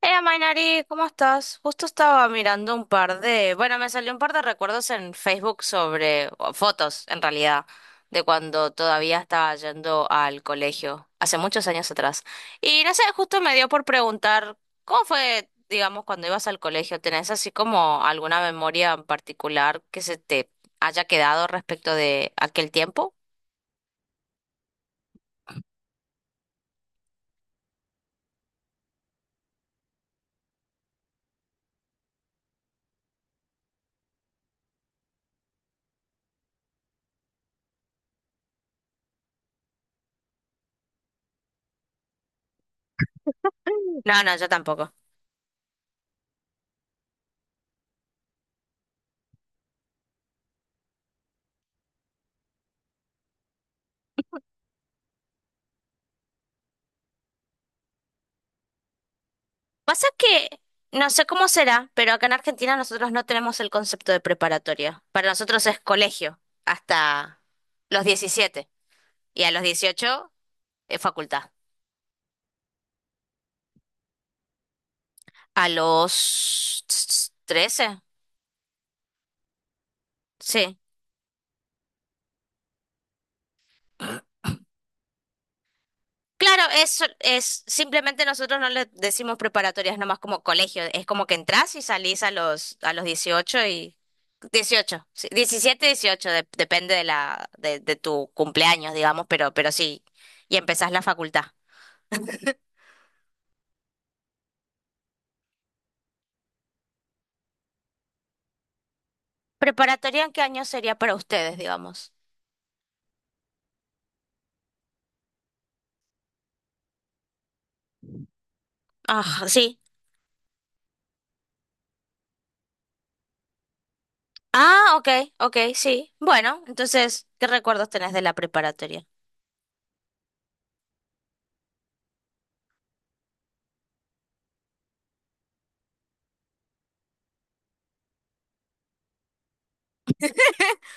Hey, Mainari, ¿cómo estás? Justo estaba mirando un par de, bueno, me salió un par de recuerdos en Facebook sobre, o fotos en realidad, de cuando todavía estaba yendo al colegio, hace muchos años atrás. Y no sé, justo me dio por preguntar, ¿cómo fue, digamos, cuando ibas al colegio? ¿Tenés así como alguna memoria en particular que se te haya quedado respecto de aquel tiempo? No, no, yo tampoco. Pasa que no sé cómo será, pero acá en Argentina nosotros no tenemos el concepto de preparatoria. Para nosotros es colegio hasta los 17 y a los 18 es facultad. A los 13, sí. Claro, eso es simplemente nosotros no le decimos preparatorias, nomás como colegio, es como que entras y salís a los 18 y 18, sí, 17, 18, depende de de tu cumpleaños, digamos, pero sí, y empezás la facultad. ¿Preparatoria en qué año sería para ustedes, digamos? Ah, sí. Ah, ok, ok, sí. Bueno, entonces, ¿qué recuerdos tenés de la preparatoria?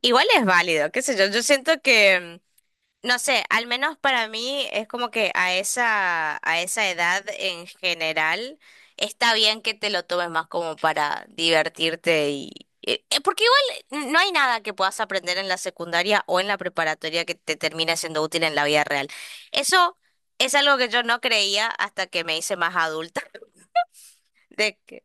Igual es válido, qué sé yo. Yo siento que no sé, al menos para mí es como que a esa edad en general está bien que te lo tomes más como para divertirte y porque igual no hay nada que puedas aprender en la secundaria o en la preparatoria que te termine siendo útil en la vida real. Eso es algo que yo no creía hasta que me hice más adulta, de que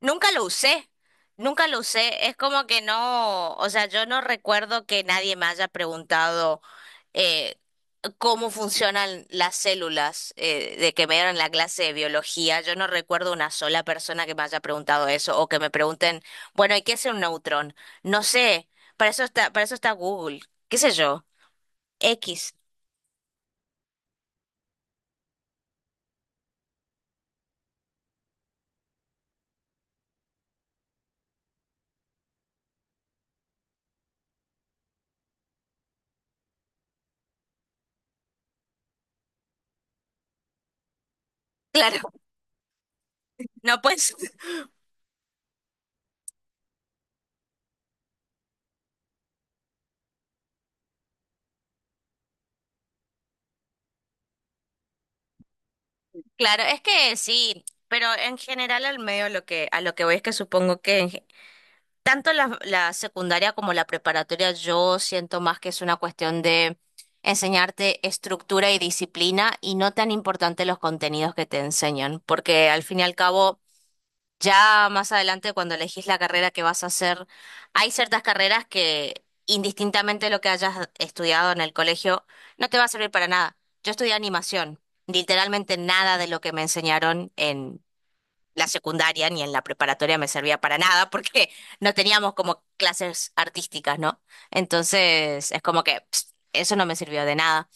nunca lo usé. Nunca lo usé, es como que no, o sea, yo no recuerdo que nadie me haya preguntado eh, cómo funcionan las células, de que me dieron la clase de biología, yo no recuerdo una sola persona que me haya preguntado eso o que me pregunten, bueno, ¿y qué es un neutrón? No sé, para eso está Google, qué sé yo, X. Claro, no pues, claro, es que sí, pero en general al medio lo que a lo que voy es que supongo que tanto la secundaria como la preparatoria, yo siento más que es una cuestión de enseñarte estructura y disciplina y no tan importante los contenidos que te enseñan, porque al fin y al cabo, ya más adelante cuando elegís la carrera que vas a hacer, hay ciertas carreras que indistintamente lo que hayas estudiado en el colegio, no te va a servir para nada. Yo estudié animación, literalmente nada de lo que me enseñaron la secundaria ni en la preparatoria me servía para nada porque no teníamos como clases artísticas, ¿no? Entonces es como que pst, eso no me sirvió de nada.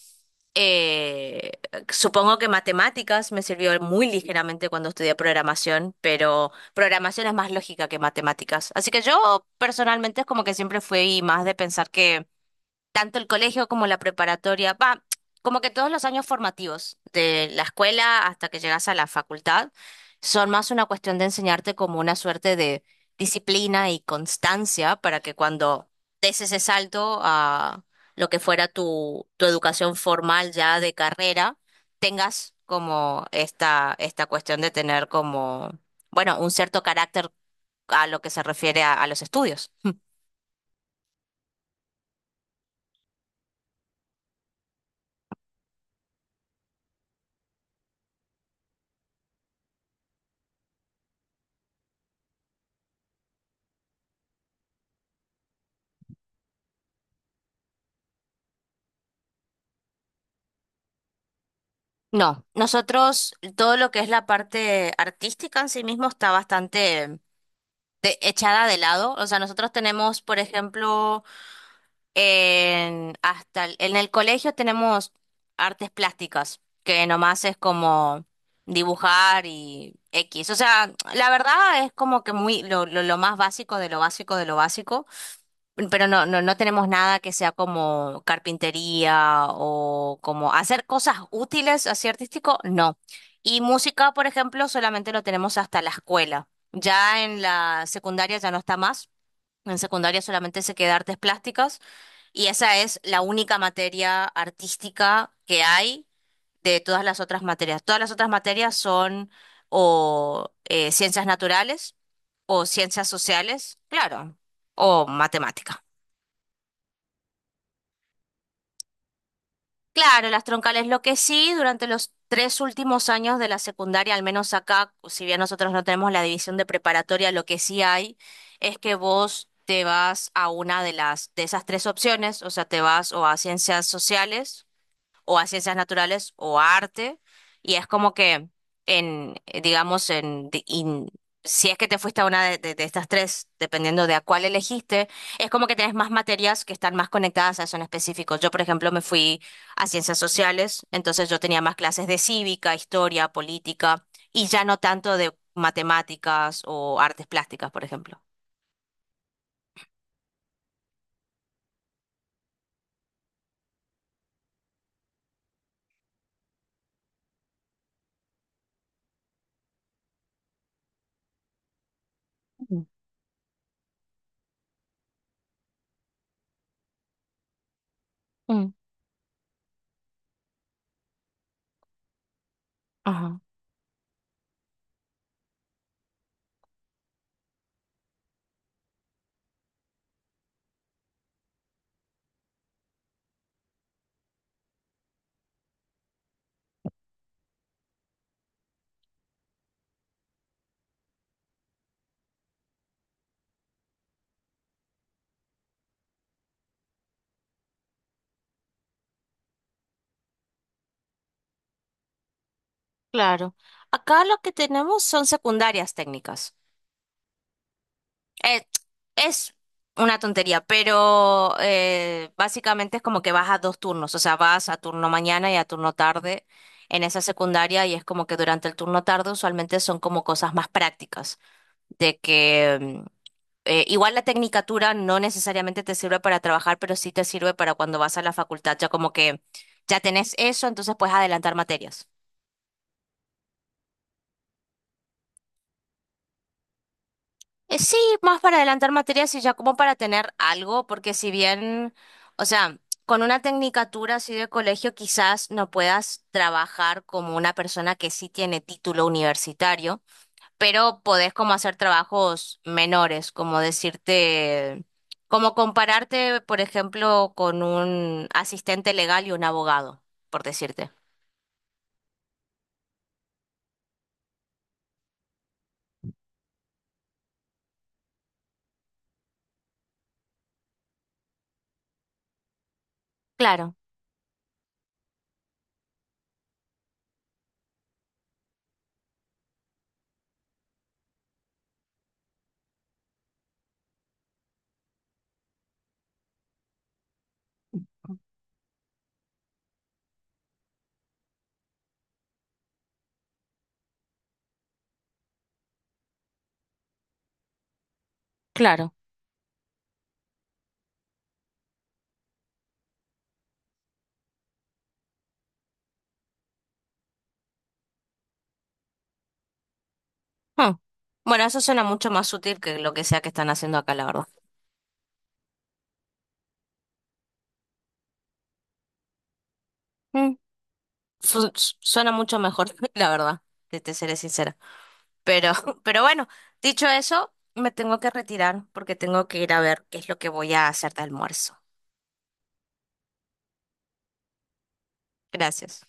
Eh, Supongo que matemáticas me sirvió muy ligeramente cuando estudié programación, pero programación es más lógica que matemáticas. Así que yo personalmente es como que siempre fui más de pensar que tanto el colegio como la preparatoria, va, como que todos los años formativos, de la escuela hasta que llegas a la facultad, son más una cuestión de enseñarte como una suerte de disciplina y constancia para que cuando des ese salto a lo que fuera tu educación formal ya de carrera, tengas como esta cuestión de tener como, bueno, un cierto carácter a lo que se refiere a los estudios. No, nosotros todo lo que es la parte artística en sí mismo está bastante echada de lado. O sea, nosotros tenemos, por ejemplo, en, hasta en el colegio tenemos artes plásticas, que nomás es como dibujar y X. O sea, la verdad es como que muy lo más básico de lo básico de lo básico. Pero no, no, no tenemos nada que sea como carpintería o como hacer cosas útiles así artístico, no. Y música, por ejemplo, solamente lo tenemos hasta la escuela. Ya en la secundaria ya no está más. En secundaria solamente se queda artes plásticas y esa es la única materia artística que hay de todas las otras materias. Todas las otras materias son o ciencias naturales o ciencias sociales, claro, o matemática. Claro, las troncales, lo que sí, durante los tres últimos años de la secundaria, al menos acá, si bien nosotros no tenemos la división de preparatoria, lo que sí hay es que vos te vas a una de las de esas tres opciones, o sea, te vas o a ciencias sociales o a ciencias naturales o a arte, y es como que en, digamos, si es que te fuiste a una de, de estas tres, dependiendo de a cuál elegiste, es como que tenés más materias que están más conectadas a eso en específico. Yo, por ejemplo, me fui a ciencias sociales, entonces yo tenía más clases de cívica, historia, política, y ya no tanto de matemáticas o artes plásticas, por ejemplo. Mm, mm, Ajá, claro. Acá lo que tenemos son secundarias técnicas. Eh, es una tontería, pero básicamente es como que vas a dos turnos, o sea, vas a turno mañana y a turno tarde en esa secundaria y es como que durante el turno tarde usualmente son como cosas más prácticas, de que igual la tecnicatura no necesariamente te sirve para trabajar, pero sí te sirve para cuando vas a la facultad, ya como que ya tenés eso, entonces puedes adelantar materias. Sí, más para adelantar materias y ya como para tener algo, porque si bien, o sea, con una tecnicatura así de colegio quizás no puedas trabajar como una persona que sí tiene título universitario, pero podés como hacer trabajos menores, como decirte, como compararte, por ejemplo, con un asistente legal y un abogado, por decirte. Claro, claro. Hmm. Bueno, eso suena mucho más útil que lo que sea que están haciendo acá, la verdad. Suena mucho mejor, la verdad, te seré sincera. Pero, pero bueno, dicho eso, me tengo que retirar porque tengo que ir a ver qué es lo que voy a hacer de almuerzo. Gracias.